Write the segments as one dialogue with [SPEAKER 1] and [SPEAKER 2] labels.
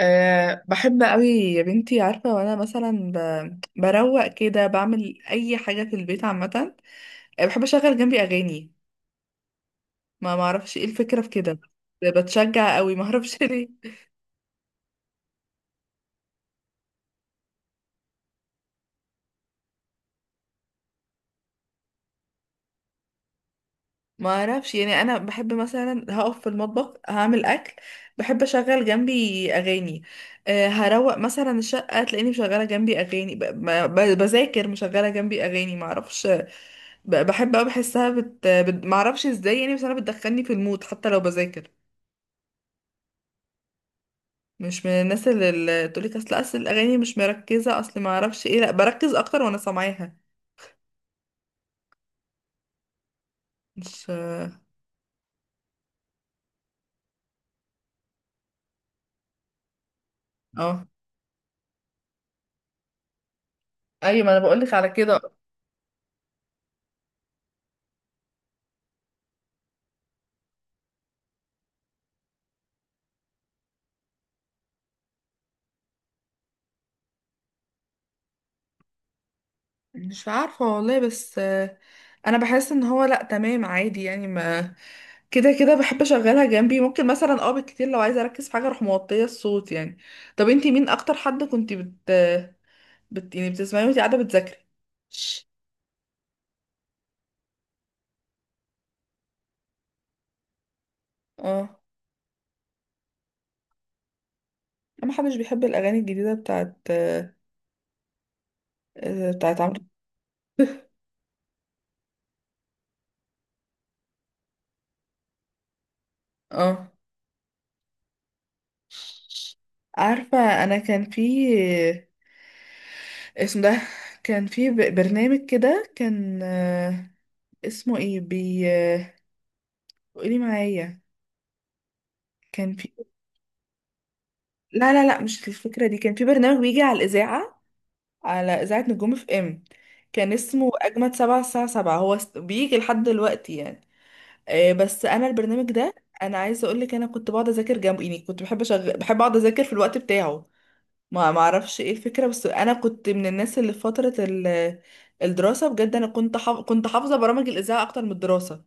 [SPEAKER 1] بحب قوي يا بنتي، عارفة، وانا مثلا بروق كده بعمل اي حاجة في البيت عامة. بحب اشغل جنبي اغاني. ما معرفش ايه الفكرة في كده. بتشجع قوي، ما اعرفش ليه. ما اعرفش، يعني انا بحب مثلا هقف في المطبخ هعمل اكل. بحب اشغل جنبي اغاني. هروق مثلا الشقة، تلاقيني مشغلة جنبي اغاني، بذاكر مشغلة جنبي اغاني، ما اعرفش. بحب قوي، بحسها ما اعرفش ازاي، يعني بس انا بتدخلني في المود حتى لو بذاكر. مش من الناس اللي تقولك اصل الاغاني مش مركزه، اصل ما اعرفش ايه. لا، بركز اكتر وانا سامعاها. مش... اه، ايوه، ما انا بقولك على كده. مش عارفه والله. بس انا بحس ان هو لا، تمام عادي، يعني ما... كده كده بحب اشغلها جنبي، ممكن مثلا بالكتير لو عايزه اركز في حاجه اروح موطيه الصوت يعني. طب انتي مين اكتر حد كنتي يعني بتسمعي وانتي قاعده بتذاكري؟ اه، ما حدش بيحب الاغاني الجديده بتاعت عمرو. اه، عارفة. أنا كان في... اسم ده... كان في برنامج كده كان اسمه ايه بي آه، قولي معايا، كان في... لا لا لا، مش الفكرة دي. كان في برنامج بيجي على الإذاعة، على إذاعة نجوم FM. كان اسمه أجمد 7 الساعة 7، هو بيجي لحد دلوقتي يعني. بس أنا البرنامج ده... أنا عايزة أقولك، أنا كنت بقعد أذاكر جنبه يعني، كنت بحب أقعد أذاكر في الوقت بتاعه. ما اعرفش ايه الفكره، بس انا كنت من الناس اللي في فتره الدراسه، بجد انا كنت حافظه برامج الاذاعه اكتر من الدراسه.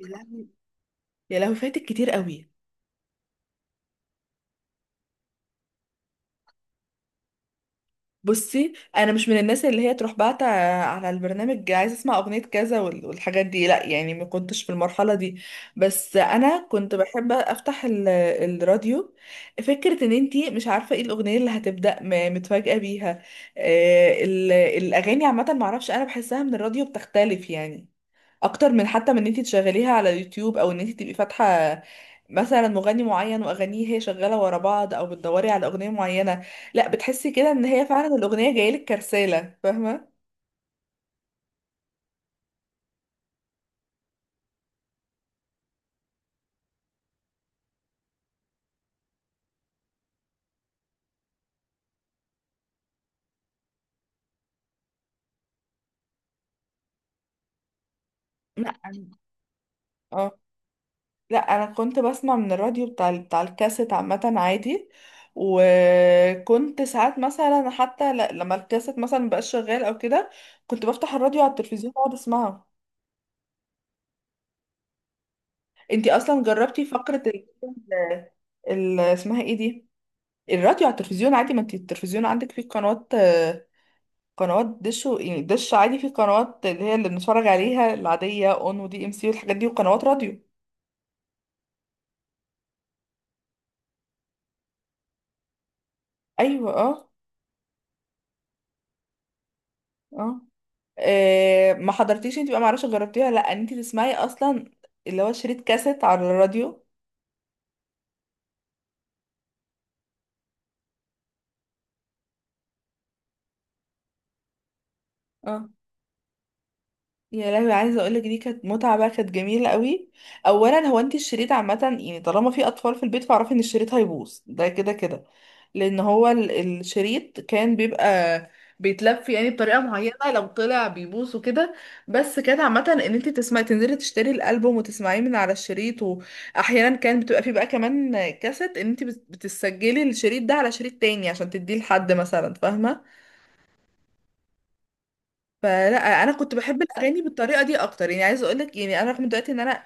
[SPEAKER 1] يا لهوي، يا لهوي فاتك كتير قوي. بصي، انا مش من الناس اللي هي تروح باعتة على البرنامج عايزه اسمع اغنيه كذا والحاجات دي، لا يعني ما كنتش في المرحله دي. بس انا كنت بحب افتح الراديو. فكره ان انتي مش عارفه ايه الاغنيه اللي هتبدا متفاجئه بيها. الاغاني عامه ما اعرفش، انا بحسها من الراديو بتختلف يعني، اكتر من، حتى من ان انت تشغليها على يوتيوب او ان انت تبقي فاتحه مثلا مغني معين واغانيه هي شغاله ورا بعض، او بتدوري على اغنيه معينه. لا، بتحسي كده ان هي فعلا الاغنيه جايلك كرساله، فاهمه؟ لا، اه. لا، انا كنت بسمع من الراديو بتاع الكاسيت عامه عادي. وكنت ساعات مثلا حتى لما الكاسيت مثلا مبقاش شغال او كده، كنت بفتح الراديو على التلفزيون واقعد اسمعه. انتي اصلا جربتي فقره اسمها ايه دي، الراديو على التلفزيون؟ عادي، ما انت التلفزيون عندك فيه قنوات، قنوات دش يعني دش عادي فيه قنوات اللي هي اللي بنتفرج عليها العادية، اون ودي ام سي والحاجات دي، وقنوات راديو. ايوه، اه. اه، ما حضرتيش انت بقى، معرفش جربتيها ولا لا، ان انت تسمعي اصلا اللي هو شريط كاسيت على الراديو؟ اه يا لهوي، عايزه اقولك دي كانت متعه بقى، كانت جميله قوي. اولا هو انت الشريط عامه يعني، طالما في اطفال في البيت فاعرفي ان الشريط هيبوظ ده كده كده. لان هو الشريط كان بيبقى بيتلف يعني بطريقه معينه، لو طلع بيبوظ وكده. بس كانت عامه ان انت تسمعي تنزلي تشتري الالبوم وتسمعيه من على الشريط، واحيانا كان بتبقى فيه بقى كمان كاسيت، ان انت بتسجلي الشريط ده على شريط تاني عشان تديه لحد مثلا، فاهمه؟ فلا، انا كنت بحب الاغاني بالطريقه دي اكتر يعني، عايزه اقول لك يعني انا رغم دلوقتي ان انا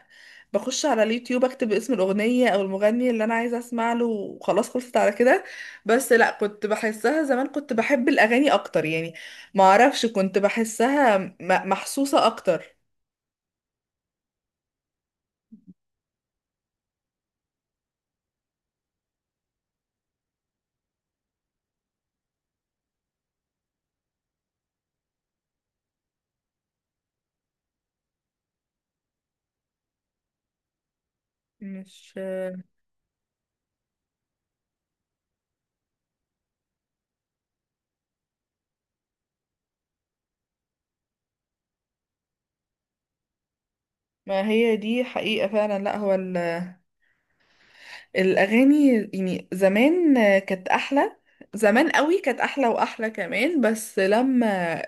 [SPEAKER 1] بخش على اليوتيوب اكتب اسم الاغنيه او المغني اللي انا عايزه اسمع له وخلاص، خلصت على كده. بس لا، كنت بحسها زمان كنت بحب الاغاني اكتر يعني. ما اعرفش، كنت بحسها محسوسه اكتر. مش... ما هي دي حقيقه فعلا، لا هو الأغاني يعني زمان كانت أحلى، زمان قوي كانت أحلى وأحلى كمان، بس لما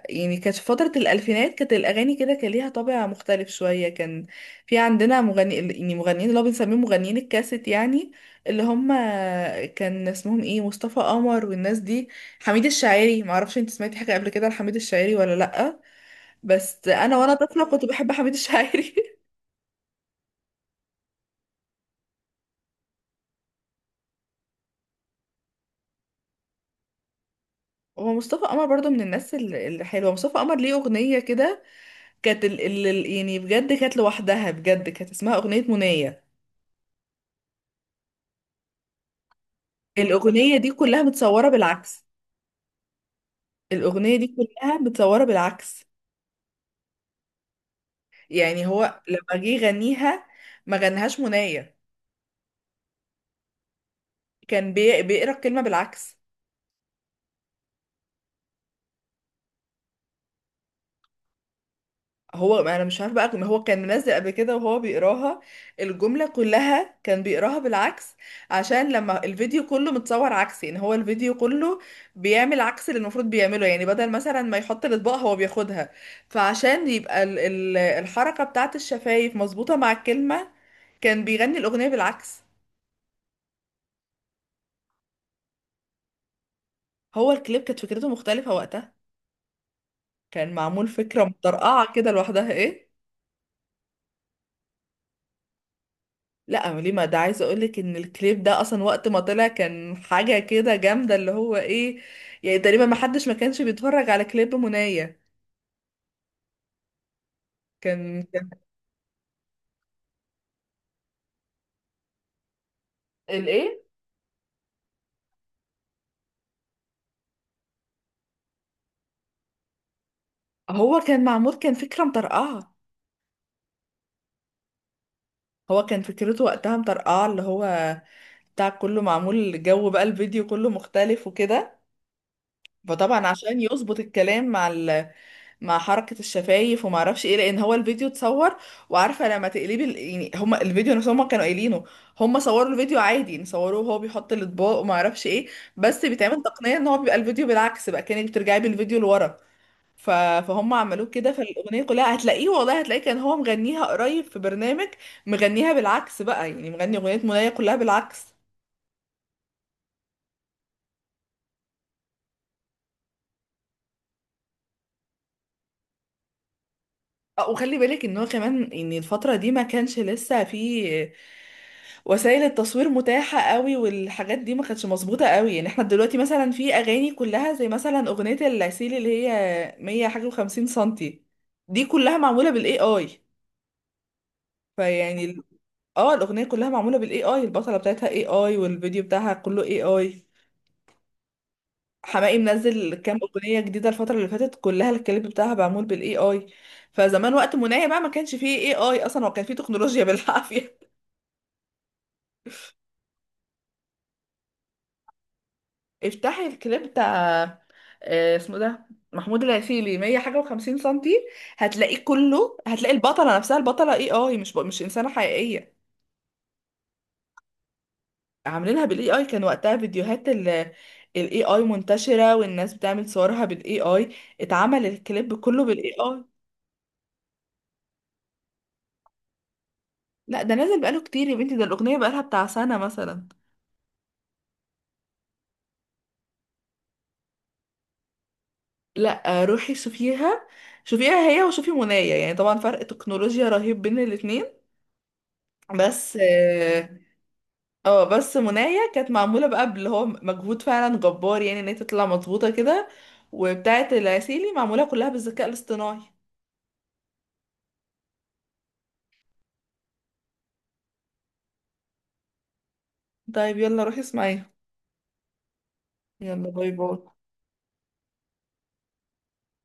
[SPEAKER 1] يعني كانت في فترة الألفينات كانت الأغاني كده، كان ليها طابع مختلف شوية. كان في عندنا مغني يعني مغنيين اللي هو بنسميهم مغنيين الكاسيت يعني، اللي هم كان اسمهم ايه، مصطفى قمر والناس دي. حميد الشاعري، معرفش انت سمعتي حاجة قبل كده لحميد الشاعري ولا لأ؟ بس أنا وأنا طفلة كنت بحب حميد الشاعري. هو مصطفى قمر برضو من الناس الحلوة، مصطفى قمر ليه أغنية كده، كانت يعني بجد كانت لوحدها، بجد كانت اسمها أغنية منية. الأغنية دي كلها متصورة بالعكس. الأغنية دي كلها متصورة بالعكس. يعني هو لما جه يغنيها، ما غنهاش منية. كان بيقرا الكلمة بالعكس. هو، ما انا مش عارفه بقى، هو كان منزل قبل كده وهو بيقراها، الجمله كلها كان بيقراها بالعكس. عشان لما الفيديو كله متصور عكسي يعني، هو الفيديو كله بيعمل عكس اللي المفروض بيعمله، يعني بدل مثلا ما يحط الاطباق هو بياخدها. فعشان يبقى ال ال الحركه بتاعت الشفايف مظبوطه مع الكلمه، كان بيغني الاغنيه بالعكس. هو الكليب كانت فكرته مختلفه وقتها، كان معمول فكره مطرقعه كده لوحدها ايه. لا ليه، ما ده عايزه اقولك ان الكليب ده اصلا وقت ما طلع كان حاجه كده جامده اللي هو ايه، يعني تقريبا ما حدش ما كانش بيتفرج على كليب منايا. كان الايه؟ هو كان معمول كان فكره مطرقعه. هو كان فكرته وقتها مطرقعه اللي هو بتاع كله معمول، الجو بقى الفيديو كله مختلف وكده. فطبعا عشان يظبط الكلام مع مع حركة الشفايف وما اعرفش ايه، لان هو الفيديو اتصور. وعارفة لما تقلبي يعني هما الفيديو نفسهم هما كانوا قايلينه، هما صوروا الفيديو عادي يعني، صوروه وهو بيحط الاطباق وما اعرفش ايه، بس بيتعمل تقنية ان هو بيبقى الفيديو بالعكس بقى، كانك بترجعي بالفيديو لورا. فهم عملوه كده، فالاغنية كلها هتلاقيه والله هتلاقيه، كان هو مغنيها قريب في برنامج، مغنيها بالعكس بقى يعني، مغني اغنية منايا كلها بالعكس. وخلي بالك ان هو كمان ان الفترة دي ما كانش لسه في وسائل التصوير متاحة قوي والحاجات دي ما كانتش مظبوطة قوي، يعني احنا دلوقتي مثلا في اغاني كلها زي مثلا اغنية العسيل اللي هي 100 حاجة و50 سنتي، دي كلها معمولة بالاي اي. فيعني الاغنية كلها معمولة بالاي اي، البطلة بتاعتها اي اي، والفيديو بتاعها كله اي اي. حماقي منزل كام اغنيه جديده الفتره اللي فاتت، كلها الكليب بتاعها معمول بالاي اي. فزمان وقت منايا بقى ما كانش فيه اي اي اصلا، هو كان فيه تكنولوجيا بالعافيه. افتحي الكليب بتاع اسمه ده، محمود العسيلي 100 حاجه و50 سنتي. هتلاقيه كله، هتلاقي البطله نفسها، البطله اي اي، مش انسانه حقيقيه. عاملينها بالاي اي، كان وقتها فيديوهات الاي اي منتشره والناس بتعمل صورها بالاي اي، اتعمل الكليب كله بالاي اي. لا، ده نازل بقاله كتير يا بنتي، ده الاغنيه بقالها بتاع سنه مثلا. لا، روحي شوفيها، شوفيها هي وشوفي منايا، يعني طبعا فرق تكنولوجيا رهيب بين الاتنين، بس اه. بس منايا كانت معمولة بقى اللي هو مجهود فعلا جبار يعني، ان هي تطلع مظبوطة كده، وبتاعة العسيلي معمولة كلها بالذكاء الاصطناعي. طيب، يلا روحي اسمعيها، يلا باي باي.